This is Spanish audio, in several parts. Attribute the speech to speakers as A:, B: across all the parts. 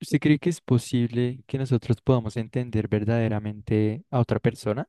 A: ¿Usted cree que es posible que nosotros podamos entender verdaderamente a otra persona?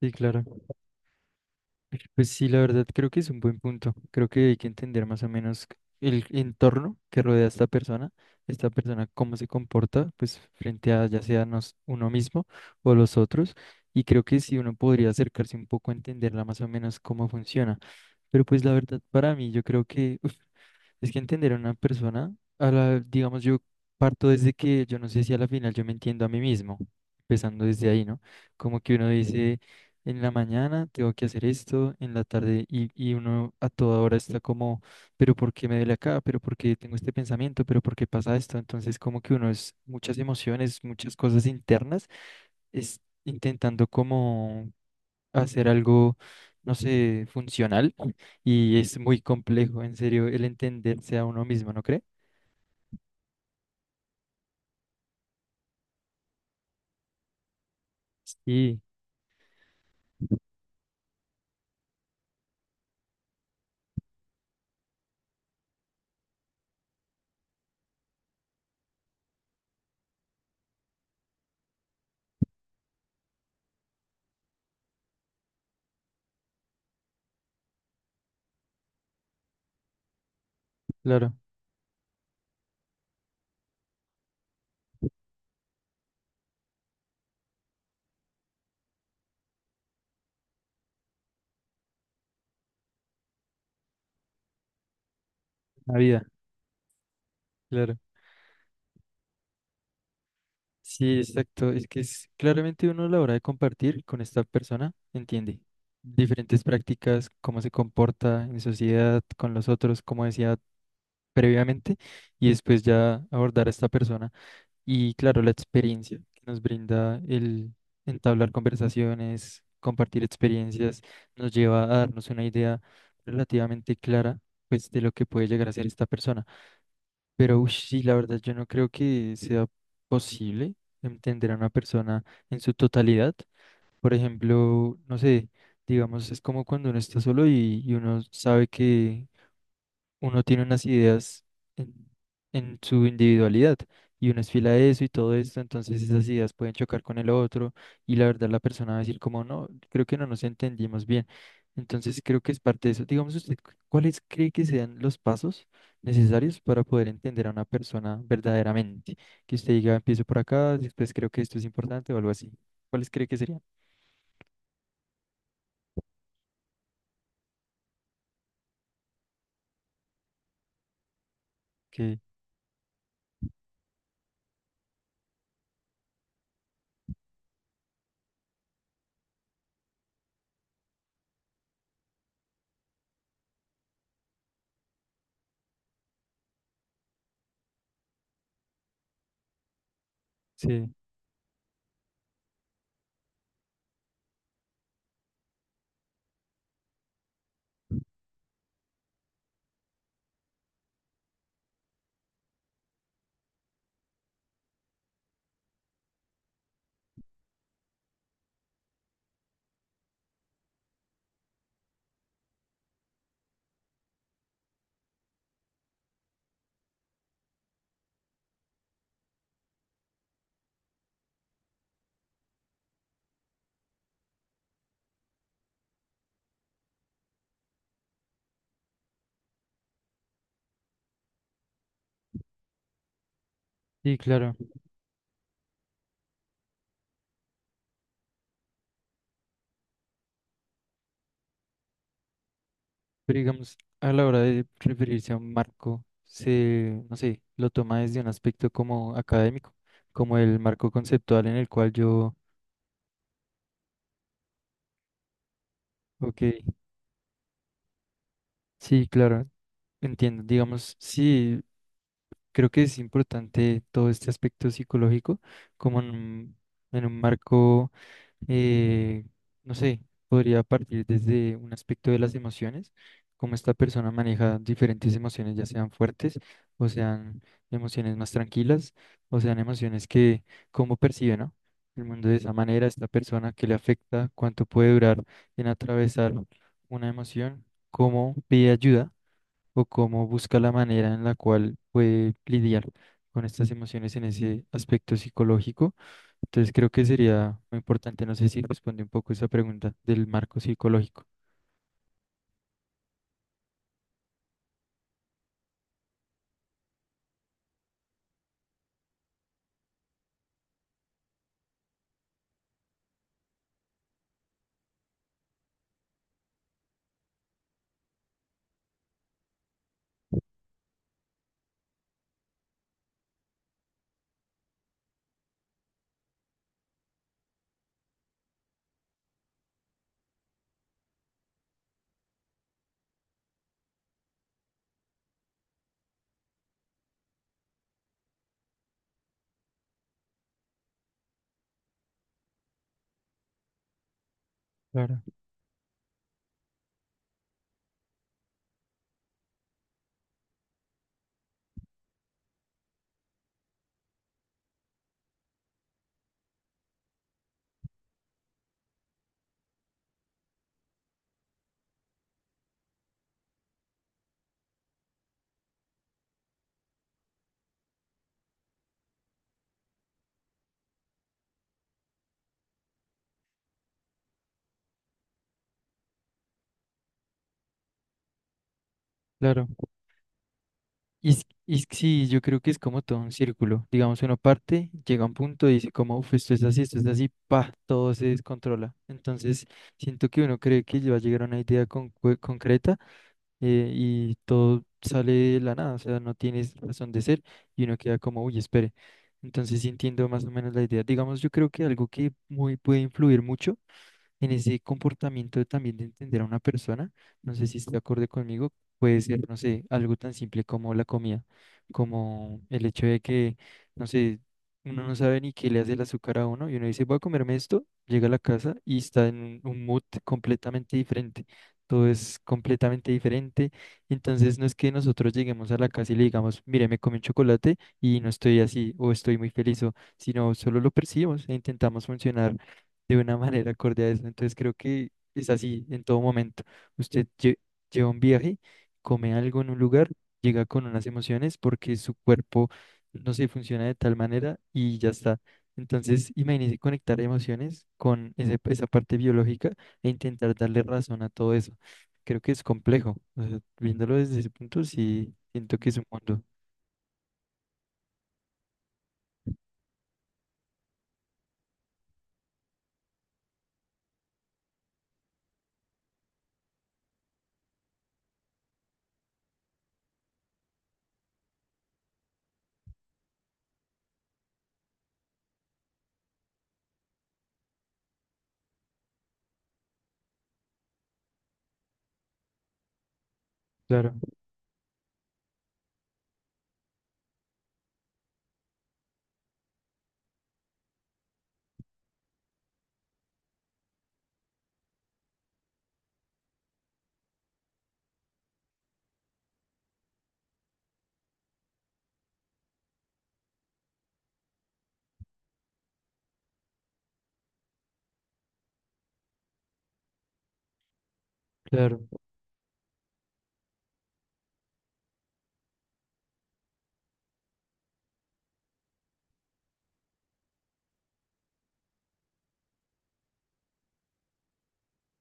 A: Sí, claro. Pues sí, la verdad creo que es un buen punto. Creo que hay que entender más o menos el entorno que rodea a esta persona cómo se comporta, pues frente a ya sea nos, uno mismo o los otros. Y creo que sí uno podría acercarse un poco a entenderla más o menos cómo funciona. Pero pues la verdad para mí yo creo que Es que entender a una persona, digamos, yo parto desde que yo no sé si a la final yo me entiendo a mí mismo, empezando desde ahí, ¿no? Como que uno dice, en la mañana tengo que hacer esto, en la tarde, y uno a toda hora está como, pero ¿por qué me duele acá? ¿Pero por qué tengo este pensamiento? ¿Pero por qué pasa esto? Entonces, como que uno es muchas emociones, muchas cosas internas, es intentando como hacer algo, no sé, funcional y es muy complejo, en serio, el entenderse a uno mismo, ¿no cree? Sí, claro, la vida, claro. Sí, exacto. Es que es claramente uno a la hora de compartir con esta persona entiende diferentes prácticas, cómo se comporta en sociedad, con los otros, como decía previamente, y después ya abordar a esta persona. Y claro, la experiencia que nos brinda el entablar conversaciones, compartir experiencias, nos lleva a darnos una idea relativamente clara, pues, de lo que puede llegar a ser esta persona. Pero ush, sí, la verdad, yo no creo que sea posible entender a una persona en su totalidad. Por ejemplo, no sé, digamos, es como cuando uno está solo y uno sabe que uno tiene unas ideas en, en su individualidad y uno es esfila eso y todo esto, entonces esas ideas pueden chocar con el otro y la verdad la persona va a decir como no, creo que no nos entendimos bien. Entonces creo que es parte de eso. Digamos usted, ¿cuáles cree que sean los pasos necesarios para poder entender a una persona verdaderamente? Que usted diga, empiezo por acá, después creo que esto es importante o algo así. ¿Cuáles cree que serían? Que sí, sí, claro. Pero digamos, a la hora de referirse a un marco, se, no sé, lo toma desde un aspecto como académico, como el marco conceptual en el cual yo, ok, sí, claro, entiendo. Digamos, sí, creo que es importante todo este aspecto psicológico como en un marco. eh, no sé, podría partir desde un aspecto de las emociones, cómo esta persona maneja diferentes emociones, ya sean fuertes o sean emociones más tranquilas o sean emociones que, cómo percibe, ¿no? El mundo de esa manera, esta persona que le afecta, cuánto puede durar en atravesar una emoción, cómo pide ayuda o cómo busca la manera en la cual puede lidiar con estas emociones en ese aspecto psicológico. Entonces creo que sería muy importante, no sé si responde un poco esa pregunta del marco psicológico. Claro, claro. Y, y es que sí, yo creo que es como todo un círculo. Digamos, uno parte, llega a un punto y dice como, uff, esto es así, pa, todo se descontrola. Entonces, siento que uno cree que va a llegar a una idea concreta y todo sale de la nada, o sea, no tienes razón de ser y uno queda como, uy, espere. Entonces sí entiendo más o menos la idea. Digamos, yo creo que algo que muy puede influir mucho en ese comportamiento también de entender a una persona, no sé si está de acuerdo conmigo, puede ser, no sé, algo tan simple como la comida, como el hecho de que, no sé, uno no sabe ni qué le hace el azúcar a uno y uno dice, voy a comerme esto, llega a la casa y está en un mood completamente diferente. Todo es completamente diferente. Entonces no es que nosotros lleguemos a la casa y le digamos, mire, me comí un chocolate y no estoy así o estoy muy feliz, o, sino solo lo percibimos e intentamos funcionar de una manera acorde a eso. Entonces creo que es así en todo momento. Usted lle- lleva un viaje, come algo en un lugar, llega con unas emociones porque su cuerpo, no sé, funciona de tal manera y ya está. Entonces, imagínese conectar emociones con esa parte biológica e intentar darle razón a todo eso. Creo que es complejo. O sea, viéndolo desde ese punto, sí, siento que es un mundo. Claro, claro.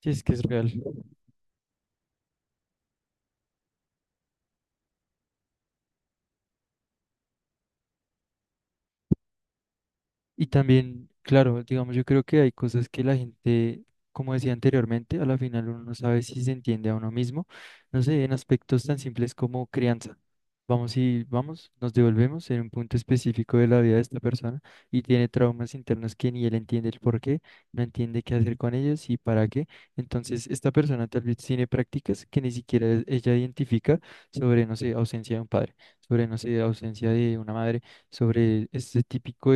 A: Sí, es que es real. Y también, claro, digamos, yo creo que hay cosas que la gente, como decía anteriormente, a la final uno no sabe si se entiende a uno mismo, no sé, en aspectos tan simples como crianza. Vamos y vamos, nos devolvemos en un punto específico de la vida de esta persona y tiene traumas internos que ni él entiende el por qué, no entiende qué hacer con ellos y para qué. Entonces, esta persona tal vez tiene prácticas que ni siquiera ella identifica sobre, no sé, ausencia de un padre, sobre, no sé, ausencia de una madre sobre este típico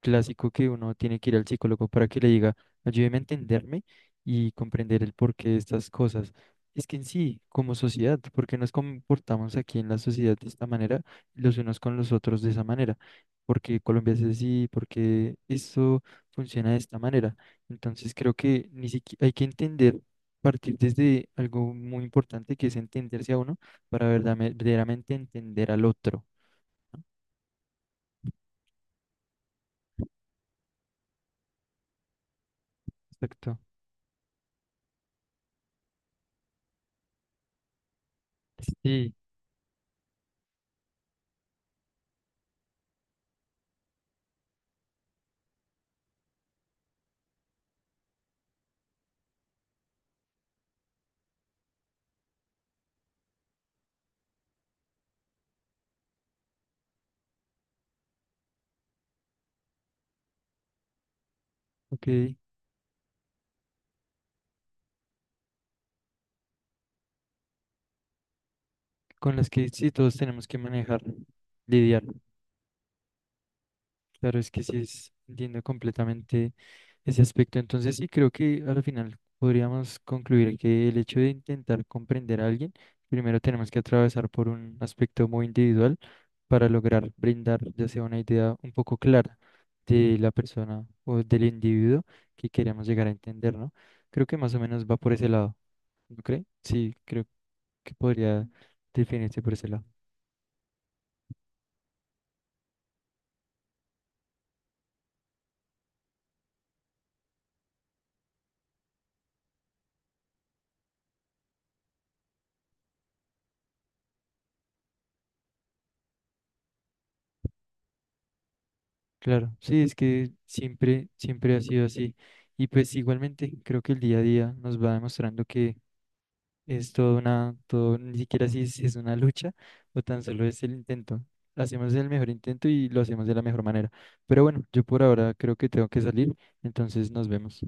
A: clásico que uno tiene que ir al psicólogo para que le diga, ayúdeme a entenderme y comprender el porqué de estas cosas. Es que en sí, como sociedad, ¿por qué nos comportamos aquí en la sociedad de esta manera, los unos con los otros de esa manera? ¿Por qué Colombia es así? ¿Por qué esto funciona de esta manera? Entonces creo que ni siquiera hay que entender, partir desde algo muy importante que es entenderse a uno para verdaderamente entender al otro. Exacto. Sí, ok. Con las que sí todos tenemos que manejar, lidiar. Claro, es que sí entiendo completamente ese aspecto. Entonces sí creo que al final podríamos concluir que el hecho de intentar comprender a alguien, primero tenemos que atravesar por un aspecto muy individual para lograr brindar ya sea una idea un poco clara de la persona o del individuo que queremos llegar a entender, ¿no? Creo que más o menos va por ese lado, ¿no cree? Sí, creo que podría definirse por ese lado. Claro, sí, es que siempre, siempre ha sido así. Y pues igualmente creo que el día a día nos va demostrando que es toda una, todo, ni siquiera si es, es una lucha o tan solo es el intento. Hacemos el mejor intento y lo hacemos de la mejor manera. Pero bueno, yo por ahora creo que tengo que salir, entonces nos vemos.